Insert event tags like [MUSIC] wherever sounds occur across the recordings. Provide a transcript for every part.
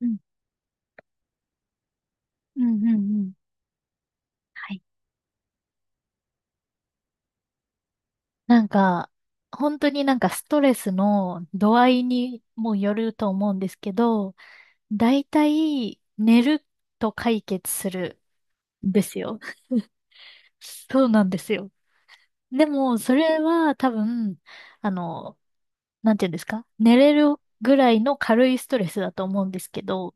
うん、うん、うん、うん。はい。なんか、本当になんかストレスの度合いにもよると思うんですけど、大体寝ると解決するんですよ。[LAUGHS] そうなんですよ。でも、それは多分、あの、なんていうんですか、寝れるぐらいの軽いストレスだと思うんですけど、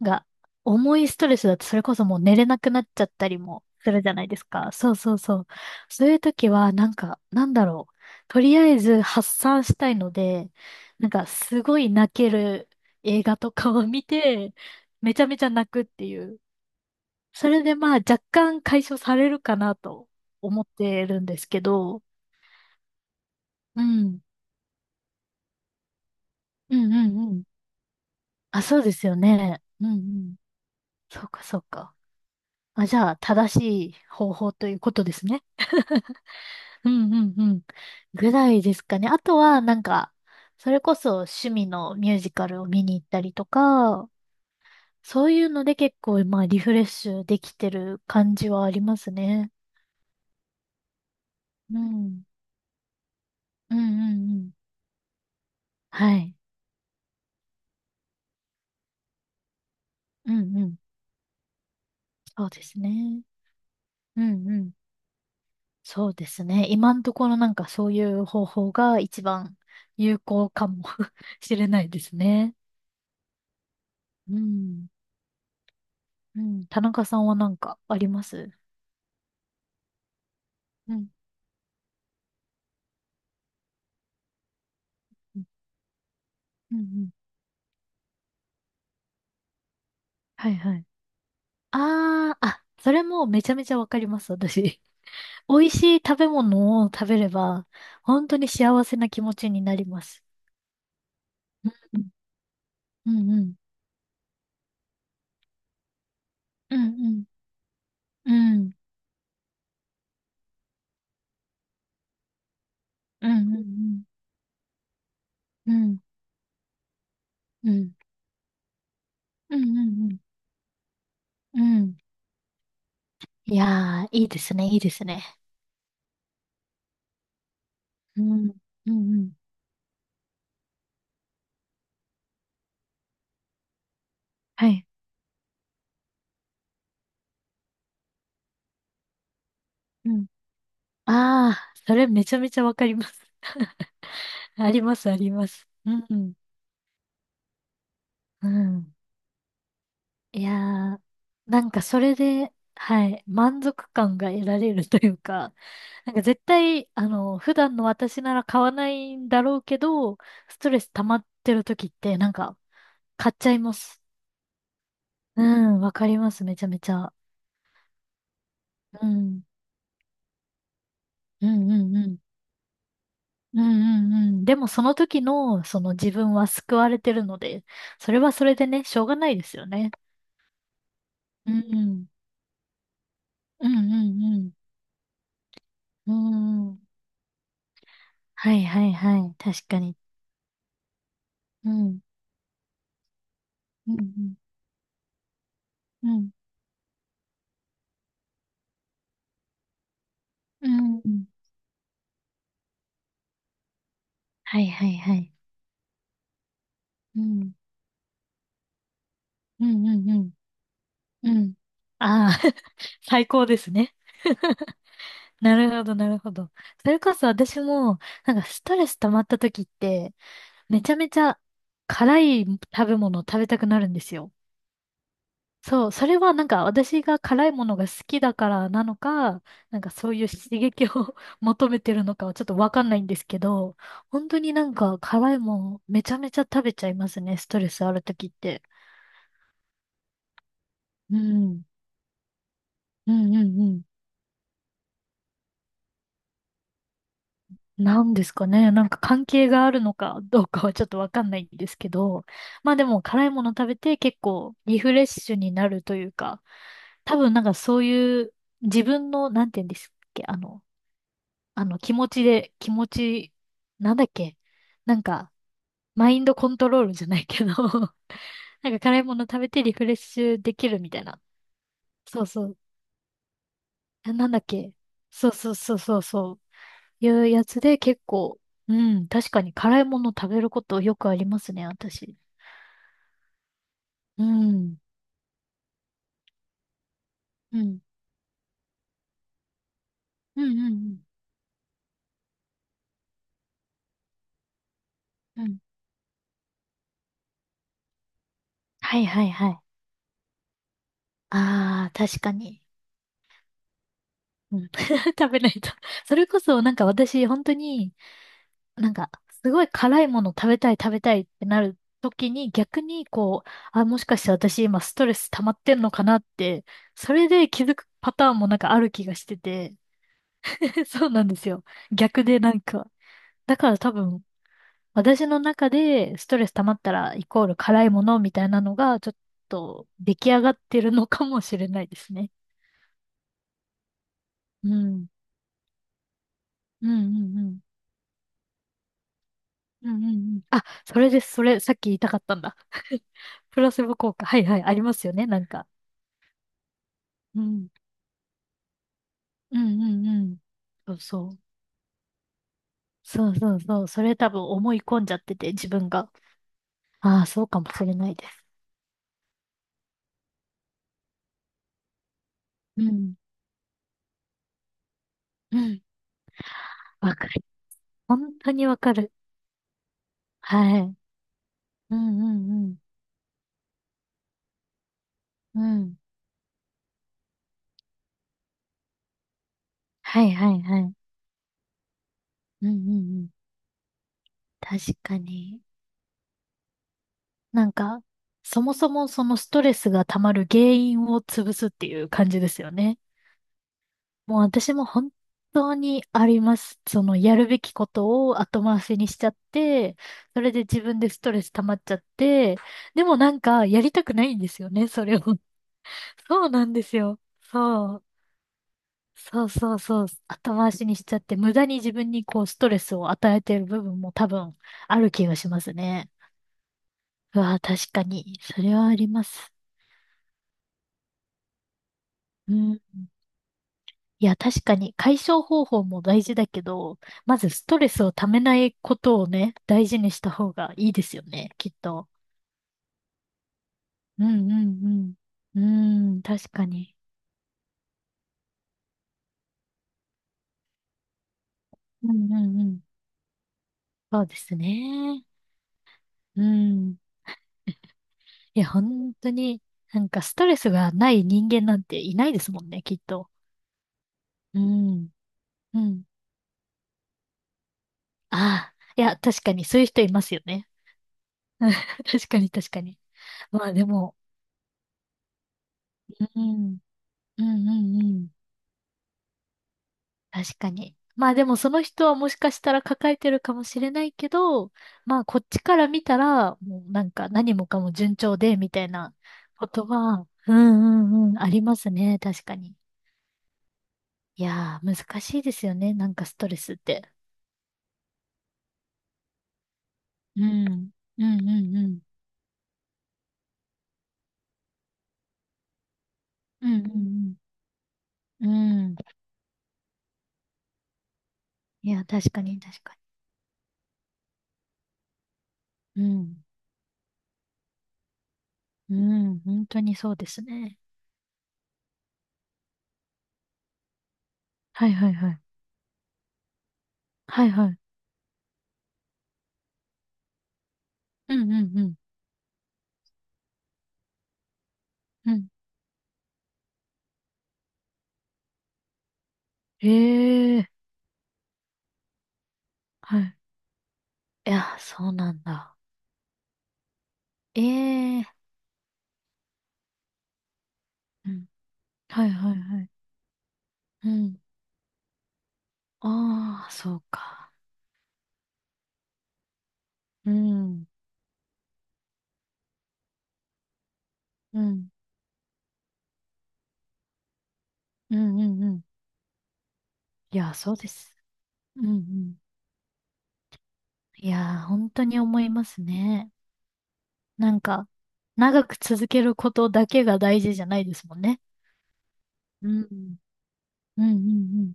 が、重いストレスだとそれこそもう寝れなくなっちゃったりもするじゃないですか。そうそうそう。そういう時は、なんか、なんだろう。とりあえず発散したいので、なんかすごい泣ける映画とかを見て、めちゃめちゃ泣くっていう。それでまあ若干解消されるかなと思ってるんですけど、うん。うんうんうん。あ、そうですよね。うんうん。そうかそうか。あ、じゃあ、正しい方法ということですね。うんうんうん。ぐらいですかね。あとは、なんか、それこそ趣味のミュージカルを見に行ったりとか、そういうので結構、まあ、リフレッシュできてる感じはありますね。うん。うんうんうん。はい。うんうん。そうですね。うんうん、そうですね。今のところなんかそういう方法が一番有効かも [LAUGHS] しれないですね。うん。うん。田中さんはなんかあります。うん。うん。うんうん、はいはい。ああ、あ、それもめちゃめちゃわかります、私。[LAUGHS] 美味しい食べ物を食べれば、本当に幸せな気持ちになります。うん。うんうん。うんうん。うんうんうん。うんうん。うんうんうん。うん。いやー、いいですね、いいですね。うん、うん、うん。はい。うん。ああ、それめちゃめちゃわかります。[LAUGHS] あります、あります。うん、うん。いやー、なんかそれで、はい、満足感が得られるというか、[LAUGHS] なんか絶対、あの、普段の私なら買わないんだろうけど、ストレス溜まってる時って、なんか、買っちゃいます。うん、わかります、めちゃめちゃ。うん、うん、うん、うん。うんうんうん。でもその時の、その自分は救われてるので、それはそれでね、しょうがないですよね。うん。うんうんうん。うん。はいはいはい。確かに。うん。うんうんうん。うん。はいはいはい。うん。うんうんうん。うん。ああ [LAUGHS] 最高ですね。なるほどなるほど。それこそ私も、なんかストレス溜まった時って、めちゃめちゃ辛い食べ物を食べたくなるんですよ。そう、それはなんか私が辛いものが好きだからなのか、なんかそういう刺激を [LAUGHS] 求めてるのかはちょっとわかんないんですけど、本当になんか辛いもんめちゃめちゃ食べちゃいますね、ストレスあるときって。うん。うんうんうん。なんですかね。なんか関係があるのかどうかはちょっとわかんないんですけど、まあでも辛いもの食べて結構リフレッシュになるというか、多分なんかそういう自分の、なんて言うんですっけ、あの、気持ち、なんだっけ、なんか、マインドコントロールじゃないけど [LAUGHS] なんか辛いもの食べてリフレッシュできるみたいな。そうそう。あ、なんだっけ。そうそうそうそうそう。いうやつで結構、うん、確かに辛いもの食べることよくありますね、私。うん。うん。うんうんうん。うん。はいはいはい。ああ、確かに。うん。[LAUGHS] 食べないと。[LAUGHS] それこそなんか私、本当に、なんか、すごい辛いもの食べたい食べたいってなる時に逆にこう、あ、もしかして私今ストレス溜まってんのかなって、それで気づくパターンもなんかある気がしてて。[LAUGHS] そうなんですよ。逆でなんか。だから多分、私の中でストレス溜まったらイコール辛いものみたいなのがちょっと出来上がってるのかもしれないですね。うん。うんうんうん。うんうんうん。あ、それです。それ、さっき言いたかったんだ。[LAUGHS] プラセボ効果。はいはい、ありますよね、なんか。うん。うんうんうん。そうそう。そうそうそう。それ多分思い込んじゃってて、自分が。ああ、そうかもしれないです。うん。うん。わかる。本当にわかる。はい。うんうんうん。うん。はいはいはい。うんうんうん。確かに。なんか、そもそもそのストレスが溜まる原因を潰すっていう感じですよね。もう私も本当にあります。そのやるべきことを後回しにしちゃって、それで自分でストレス溜まっちゃって、でもなんかやりたくないんですよね、それを。[LAUGHS] そうなんですよ。そう。そうそうそう。後回しにしちゃって、無駄に自分にこうストレスを与えてる部分も多分ある気がしますね。うわ確かに。それはあります。うん。いや、確かに解消方法も大事だけど、まずストレスをためないことをね、大事にした方がいいですよね、きっと。うんうんうん。うん、確かに。うんうんうん。そうですね。うん。いや、本当に、なんかストレスがない人間なんていないですもんね、きっと。うん。うん。ああ、いや、確かにそういう人いますよね。[LAUGHS] 確かに確かに。まあでも、うん、うんうんうん。確かに。まあでもその人はもしかしたら抱えてるかもしれないけど、まあこっちから見たら、もうなんか何もかも順調で、みたいなことは、うんうんうん、ありますね。確かに。いやー、難しいですよね。なんかストレスって。うん。うんうんうん。うんうんうん。うん。いや、確かに確かに。うん。うん。本当にそうですね。はいはいはい。はいはい。うんうんうん。うん。ええー。はい。いや、そうなんだ。ええ、うん。はいはいはい。うん。ああ、そうか。うん。うん。うんうんうん。いや、そうです。うんうん。いやー、本当に思いますね。なんか、長く続けることだけが大事じゃないですもんね。うん。うんうん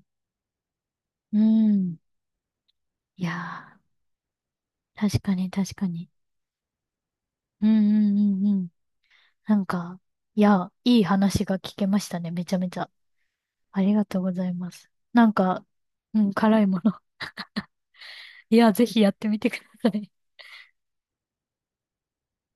うん。うん。いやー、確かに確かに。うんうんうんうん。なんか、いや、いい話が聞けましたね。めちゃめちゃ。ありがとうございます。なんか、うん、辛いもの、いや、ぜひやってみてください。